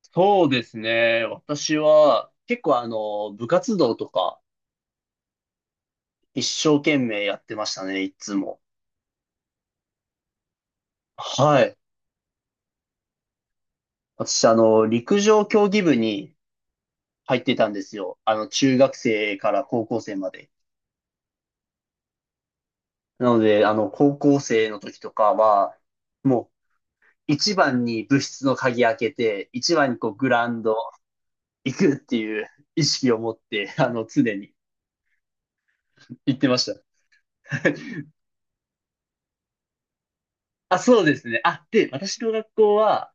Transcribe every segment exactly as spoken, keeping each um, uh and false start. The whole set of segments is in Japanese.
そうですね。私は、結構あの、部活動とか、一生懸命やってましたね、いつも。はい。私、あの、陸上競技部に入ってたんですよ。あの、中学生から高校生まで。なので、あの、高校生の時とかは、もう、一番に部室の鍵開けて、一番にこう、グラウンド行くっていう意識を持って、あの、常に行ってました。あ、そうですね。あ、で、私の学校は、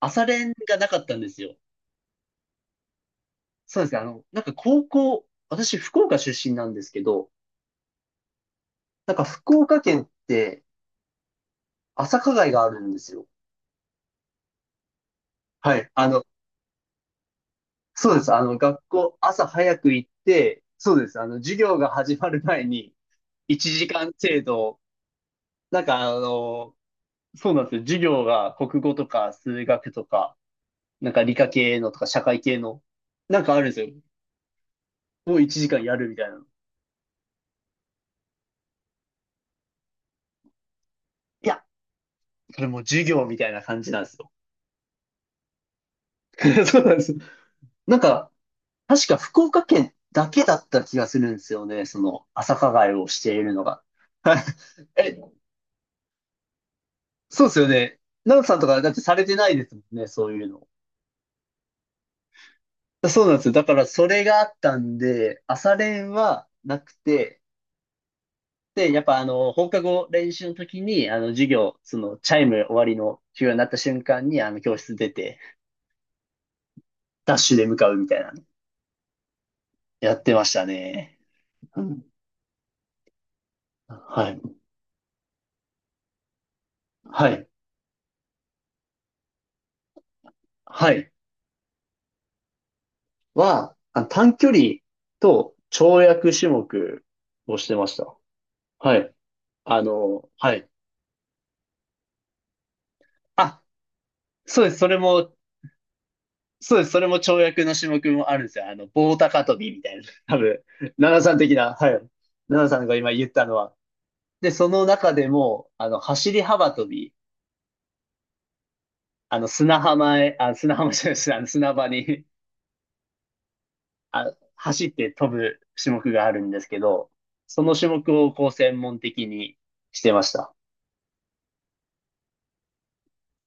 朝練がなかったんですよ。そうですね。あの、なんか高校、私福岡出身なんですけど、なんか福岡県って朝課外があるんですよ。はい。あの、そうです。あの、学校朝早く行って、そうです。あの、授業が始まる前にいちじかん程度、なんかあの、そうなんですよ。授業が国語とか数学とか、なんか理科系のとか社会系の、なんかあるんですよ。もういちじかんやるみたいなの。いや、それもう授業みたいな感じなんですよ。そうなんです。なんか、確か福岡県だけだった気がするんですよね。その、朝課外をしているのが。え、そうですよね。ナオさんとかだってされてないですもんね、そういうの。そうなんですよ。だからそれがあったんで、朝練はなくて、で、やっぱあの、放課後練習の時に、あの、授業、その、チャイム終わりの授業になった瞬間に、あの、教室出て、ダッシュで向かうみたいなのやってましたね。うん。はい。はい。はい。は、あ短距離と跳躍種目をしてました。はい。あの、はい。あ、そうです。それも、そうです。それも跳躍の種目もあるんですよ。あの、棒高跳びみたいな。多分、奈々さん的な、はい。奈々さんが今言ったのは。で、その中でも、あの、走り幅跳び、あの、砂浜へ、あ、砂浜じゃないです。あの、砂場に、あ、走って飛ぶ種目があるんですけど、その種目をこう専門的にしてました。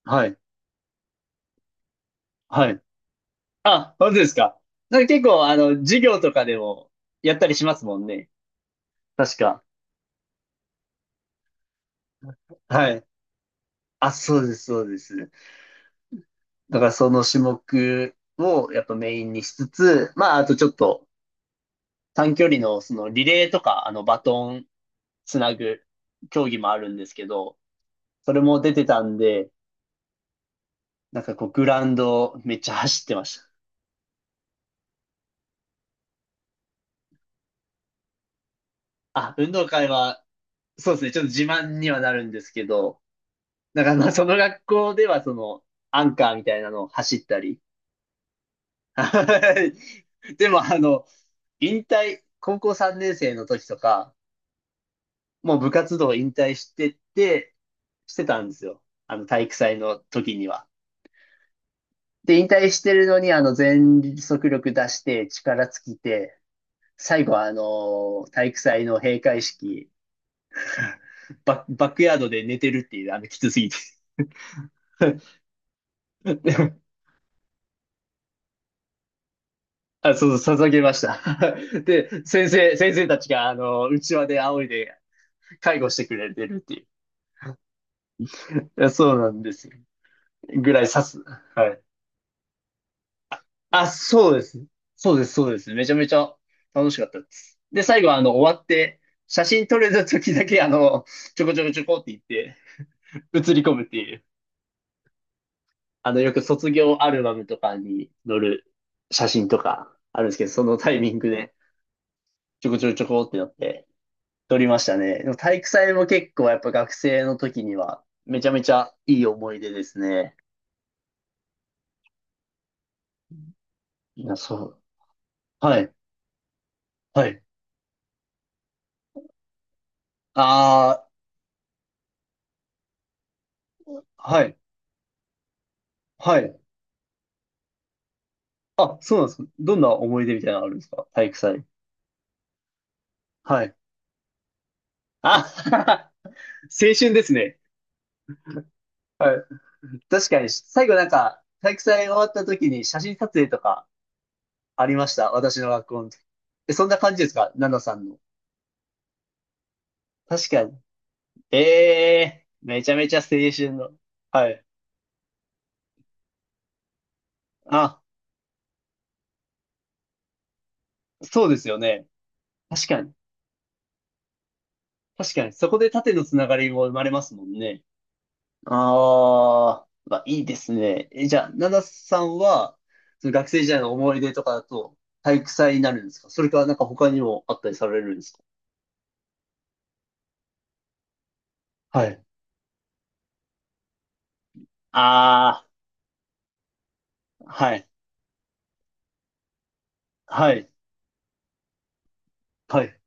はい。はい。あ、本当ですか？なんか結構、あの、授業とかでもやったりしますもんね。確か。はい。あ、そうです、そうです。だからその種目をやっぱメインにしつつ、まあ、あとちょっと短距離のそのリレーとか、あの、バトンつなぐ競技もあるんですけど、それも出てたんで、なんかこう、グラウンドめっちゃ走ってました。あ、運動会は、そうですね、ちょっと自慢にはなるんですけど、だからまあ、その学校ではその、アンカーみたいなのを走ったり、はい。でも、あの、引退、高校さんねん生の時とか、もう部活動引退してて、してたんですよ。あの、体育祭の時には。で、引退してるのに、あの、全速力出して、力尽きて、最後は、あの、体育祭の閉会式、バ、バックヤードで寝てるっていう、あの、きつすぎて。あ、そう、捧げました。で、先生、先生たちが、あの、うちわで仰いで介護してくれてるっていう。いやそうなんですよ。ぐらい刺す。はい。あ、そうです。そうです、そうです。めちゃめちゃ楽しかったです。で、最後あの、終わって、写真撮れた時だけ、あの、ちょこちょこちょこって言って、写り込むっていう、あの、よく卒業アルバムとかに載る写真とかあるんですけど、そのタイミングで、ちょこちょこちょこってなって、撮りましたね。でも体育祭も結構やっぱ学生の時には、めちゃめちゃいい思い出ですね。いや、そう。はい、はい。ああ、はい、はい。あ、そうなんですか？どんな思い出みたいなのあるんですか体育祭？はい。あ、青春ですね。はい。確かに、最後なんか、体育祭終わった時に写真撮影とかありました。私の学校の時。え、そんな感じですかナナさんの？確かに。ええーめちゃめちゃ青春の。はい。あ、そうですよね。確かに。確かに。そこで縦のつながりも生まれますもんね。ああ、まあいいですね。え、じゃあ、ナナさんは、その学生時代の思い出とかだと、体育祭になるんですかそれか、なんか他にもあったりされるんですか？はい。ああ、はい、はい、はい、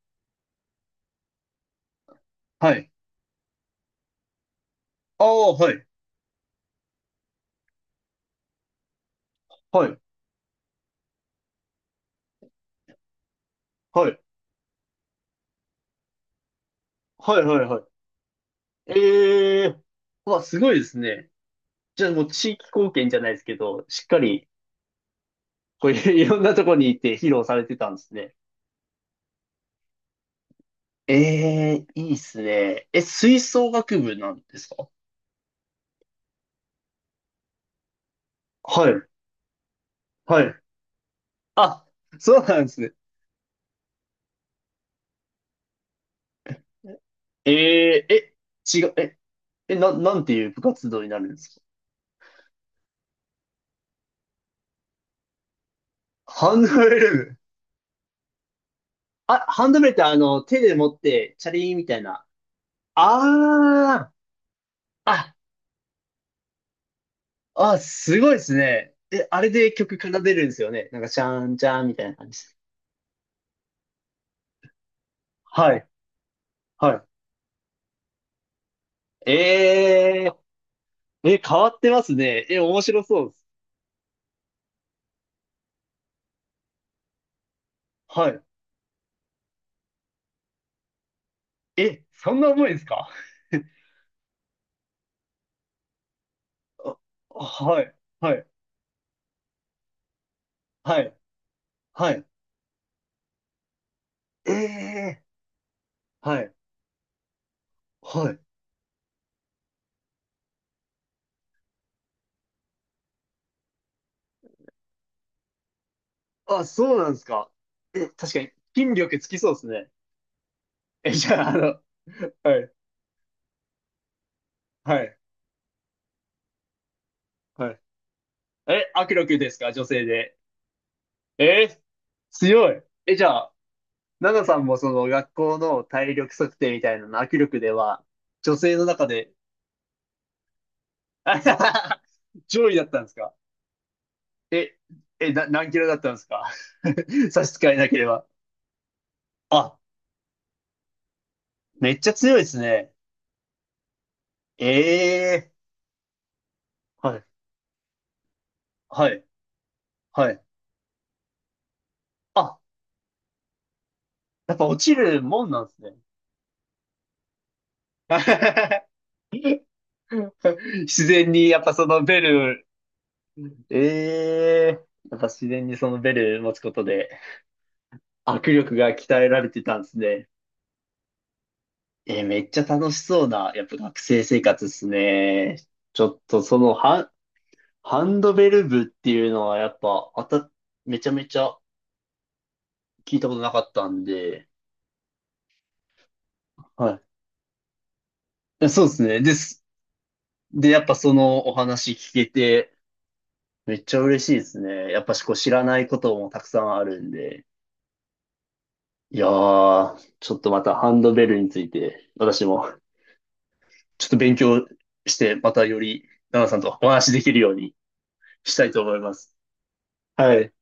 はい。ああ、はい、はい、はい、はい、はい、はい。ええー、うわ、すごいですね。じゃあもう地域貢献じゃないですけど、しっかり、こういう いろんなとこに行って披露されてたんですね。ええー、いいっすね。え、吹奏楽部なんですか？はい。はい。あ、そうなんですね。えー、え、違う、え、え、な、なんていう部活動になるんですか？ハンドベル部。あ、ハンドベルってあの、手で持って、チャリーンみたいな。あー、あ、あ、すごいですね。え、あれで曲奏でるんですよね。なんか、チャンチャンみたいな感じです。はい、はい。えー、え、変わってますね。え、面白そうです。はい。え、そんな重いですか？あはい、はい、はい、はい。ええはい。はい。あ、そうなんですか？え、確かに、筋力つきそうですね。え、じゃあ、あの、はい、はい、はい。え、握力ですか、女性で？えー強い。え、じゃあ、ナナさんもその学校の体力測定みたいなの握力では、女性の中で、あはは上位だったんですか？え、え、な、何キロだったんですか？ 差し支えなければ。あ、めっちゃ強いですね。ええはい、はい、はい。あ、やっぱ落ちるもんなんですね。自然に、やっぱそのベル、ええやっぱ自然にそのベル持つことで、握力が鍛えられてたんですね。えーめっちゃ楽しそうな、やっぱ学生生活ですね。ちょっとそのハ、ハンドベル部っていうのはやっぱ、あた、めちゃめちゃ聞いたことなかったんで、はい。そうですね。です。で、やっぱそのお話聞けて、めっちゃ嬉しいですね。やっぱしこう知らないこともたくさんあるんで。いやー、ちょっとまたハンドベルについて、私もちょっと勉強して、またより、ナナさんとお話しできるようにしたいと思います。はい。